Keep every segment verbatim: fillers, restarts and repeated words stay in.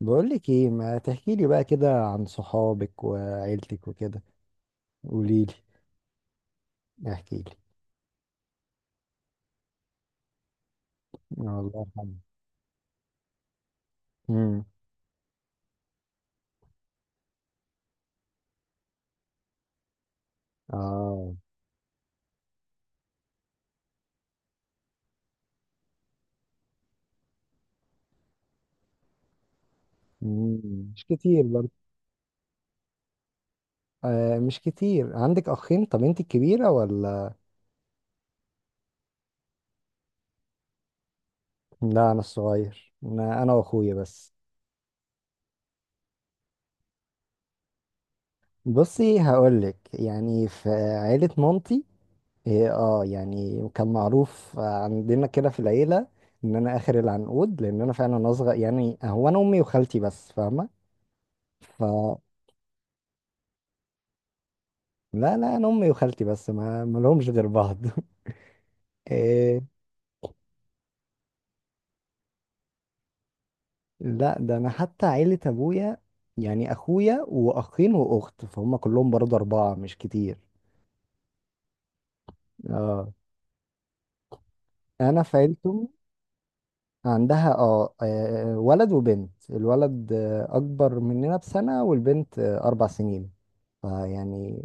بقولك ايه، ما تحكيلي بقى كده عن صحابك وعيلتك وكده؟ قوليلي. احكيلي. الله يرحمه. امم اه. مم. مش كتير برضه. آه، مش كتير. عندك اخين؟ طب انت الكبيرة ولا؟ لا، انا الصغير، انا انا واخويا بس. بصي، هقولك يعني في عيلة مامتي، إيه، اه يعني كان معروف عندنا كده في العيلة ان انا اخر العنقود لان انا فعلا اصغر، يعني هو انا امي وخالتي بس، فاهمة؟ لا لا، انا امي وخالتي بس، ما ما لهمش غير بعض. إيه، لا ده انا حتى عيلة ابويا يعني اخويا واخين واخت، فهم كلهم برضه اربعة، مش كتير. اه، انا في عيلتهم. عندها، اه آه، ولد وبنت. الولد آه، اكبر مننا بسنة، والبنت آه، اربع سنين. فيعني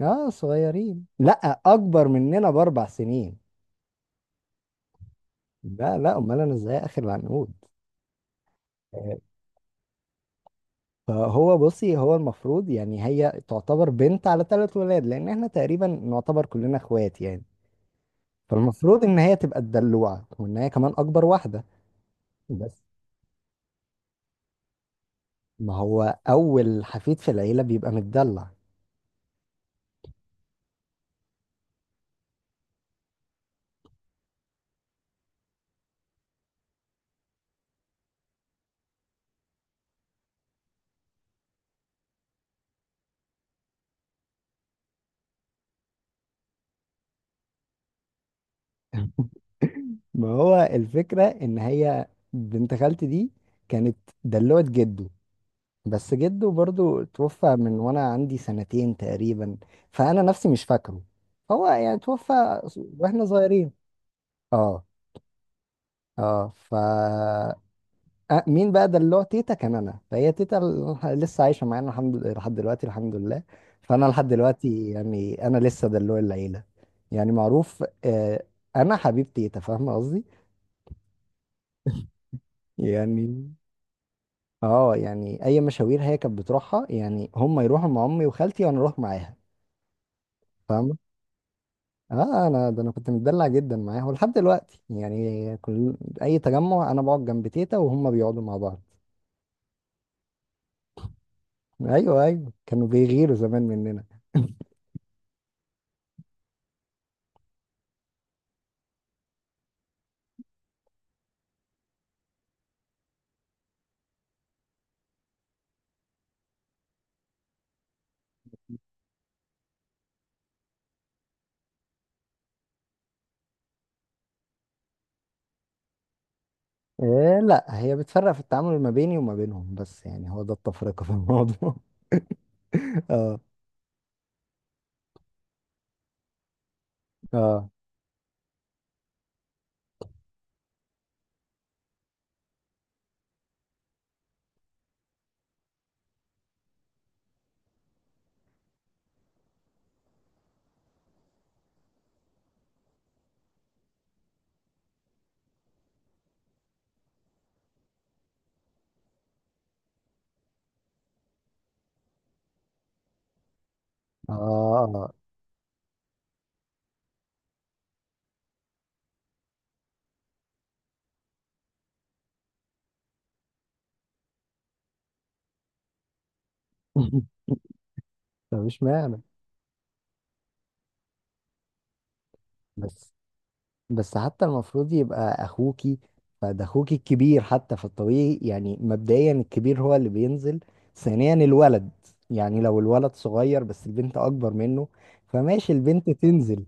اه، صغيرين. لا، اكبر مننا باربع سنين. لا لا، امال انا ازاي اخر العنقود؟ آه، فهو، بصي، هو المفروض يعني هي تعتبر بنت على ثلاث ولاد، لان احنا تقريبا نعتبر كلنا اخوات يعني. فالمفروض ان هي تبقى الدلوعه، وان هي كمان اكبر واحده. بس ما هو اول حفيد في العيله بيبقى متدلع. ما هو الفكره ان هي بنت خالتي دي كانت دلوعه جده، بس جده برضو توفى من وانا عندي سنتين تقريبا. فانا نفسي مش فاكره. هو يعني توفى واحنا صغيرين. اه. اه ف آه، مين بقى ده اللي هو تيتا كان؟ انا فهي تيتا ال- لسه عايشه معانا الحمد لله لحد دلوقتي، الحمد لله. فانا لحد دلوقتي يعني انا لسه دلوع العيله، يعني معروف. آه، انا حبيب تيتا، فاهمه قصدي. يعني اه، يعني اي مشاوير هي كانت بتروحها يعني، هم يروحوا مع امي وخالتي وانا اروح معاها. فاهمه. اه، انا ده انا كنت متدلع جدا معاها، ولحد دلوقتي يعني كل اي تجمع انا بقعد جنب تيتا وهم بيقعدوا مع بعض. ايوه، ايوه، كانوا بيغيروا زمان مننا. إيه، لا هي بتفرق في التعامل ما بيني وما بينهم بس، يعني هو ده التفرقة في الموضوع. اه. اه. اه. مفيش معنى. بس بس حتى المفروض يبقى اخوكي، فده اخوكي الكبير حتى، فالطبيعي يعني مبدئيا الكبير هو اللي بينزل. ثانيا الولد، يعني لو الولد صغير بس البنت اكبر منه، فماشي البنت تنزل.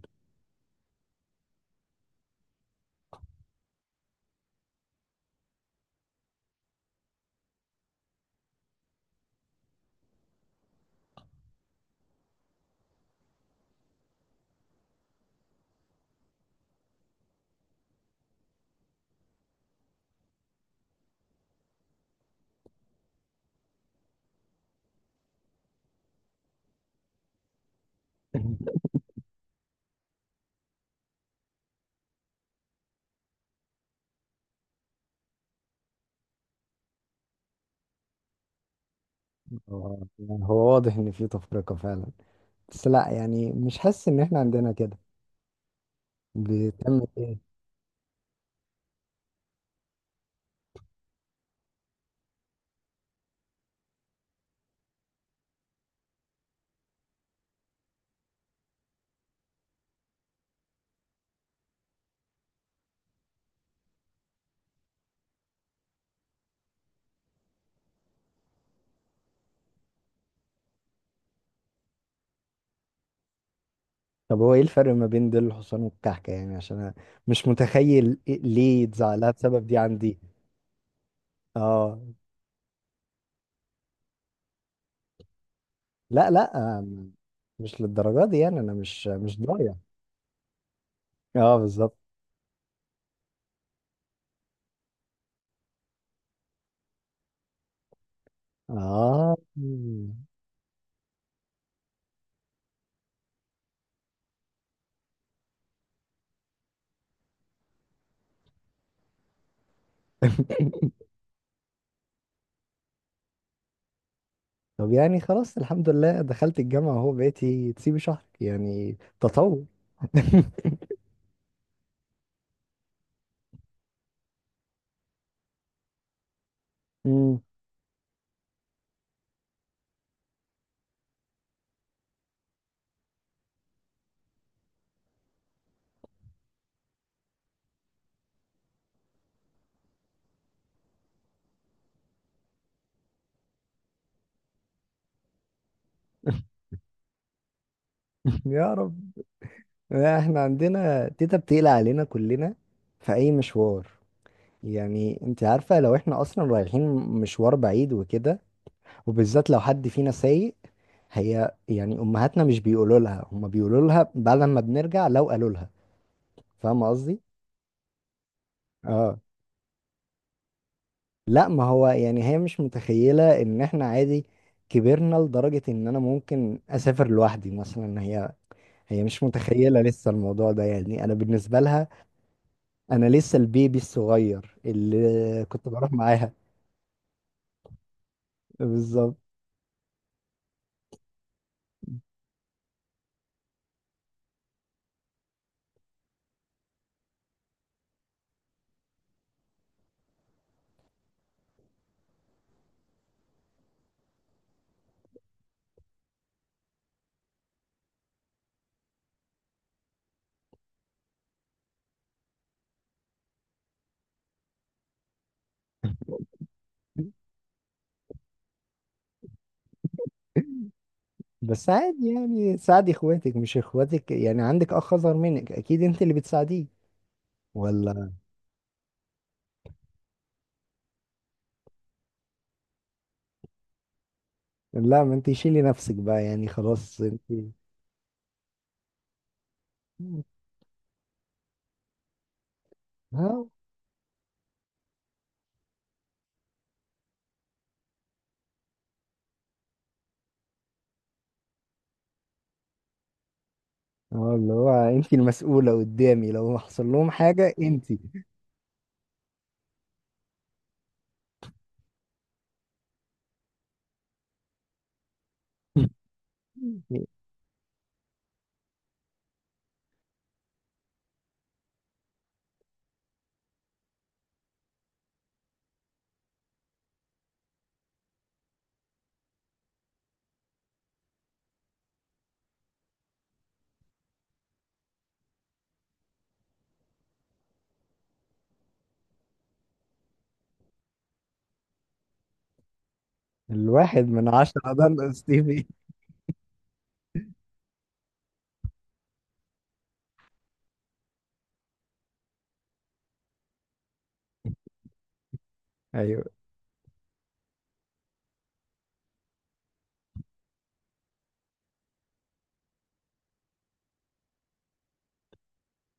آه، يعني هو واضح ان في تفرقة فعلا، بس لا يعني مش حاسس ان احنا عندنا كده. بتعمل ايه؟ طب هو ايه الفرق ما بين ديل الحصان والكعكة؟ يعني عشان انا مش متخيل إيه- ليه اتزعلها بسبب دي عندي. اه، لا لا، آم، مش للدرجة دي يعني انا مش مش ضايع. اه، بالظبط. اه، طب يعني خلاص، الحمد لله دخلت الجامعة اهو، بقيتي تسيبي شهرك، يعني تطور. مم. يا رب، احنا عندنا تيتا بتقلق علينا كلنا في اي مشوار. يعني انت عارفة، لو احنا اصلا رايحين مشوار بعيد وكده، وبالذات لو حد فينا سايق، هي يعني امهاتنا مش بيقولوا لها، هما بيقولوا لها بعد ما بنرجع، لو قالوا لها. فاهمة قصدي؟ اه، لا ما هو يعني هي مش متخيلة ان احنا عادي كبرنا لدرجة ان انا ممكن اسافر لوحدي مثلا. هي، هي مش متخيلة لسه الموضوع ده، يعني انا بالنسبة لها انا لسه البيبي الصغير اللي كنت بروح معاها. بالظبط. بس عادي يعني، ساعدي اخواتك. مش اخواتك يعني، عندك اخ اصغر منك، اكيد انت اللي بتساعديه، ولا؟ لا ما انت شيلي نفسك بقى، يعني خلاص انت. ها. اه، اللي هو انت المسؤولة قدامي لو حصل لهم حاجة، انت. الواحد من عشرة ده ستيفي. ايوه.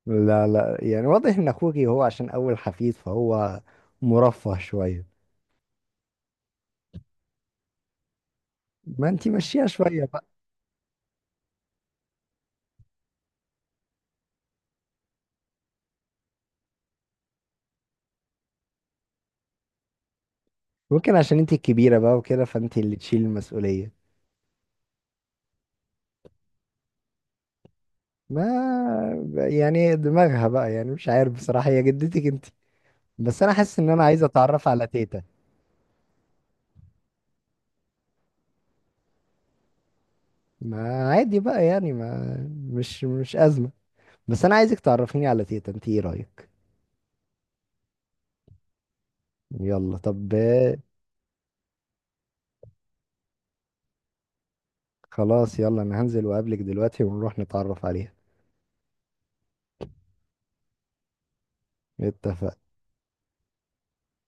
لا لا يعني واضح ان اخوك هو عشان اول حفيد، فهو مرفه شوية. ما انت مشيها شوية بقى. ممكن عشان انت الكبيرة بقى وكده، فانت اللي تشيل المسؤولية. ما يعني دماغها بقى يعني، مش عارف بصراحة، هي جدتك انت. بس انا حاسس ان انا عايز اتعرف على تيتا. ما عادي بقى، يعني ما، مش مش ازمة. بس انا عايزك تعرفيني على تيتا، انت ايه رأيك؟ يلا طب. خلاص يلا، انا هنزل واقابلك دلوقتي، ونروح نتعرف عليها. اتفق.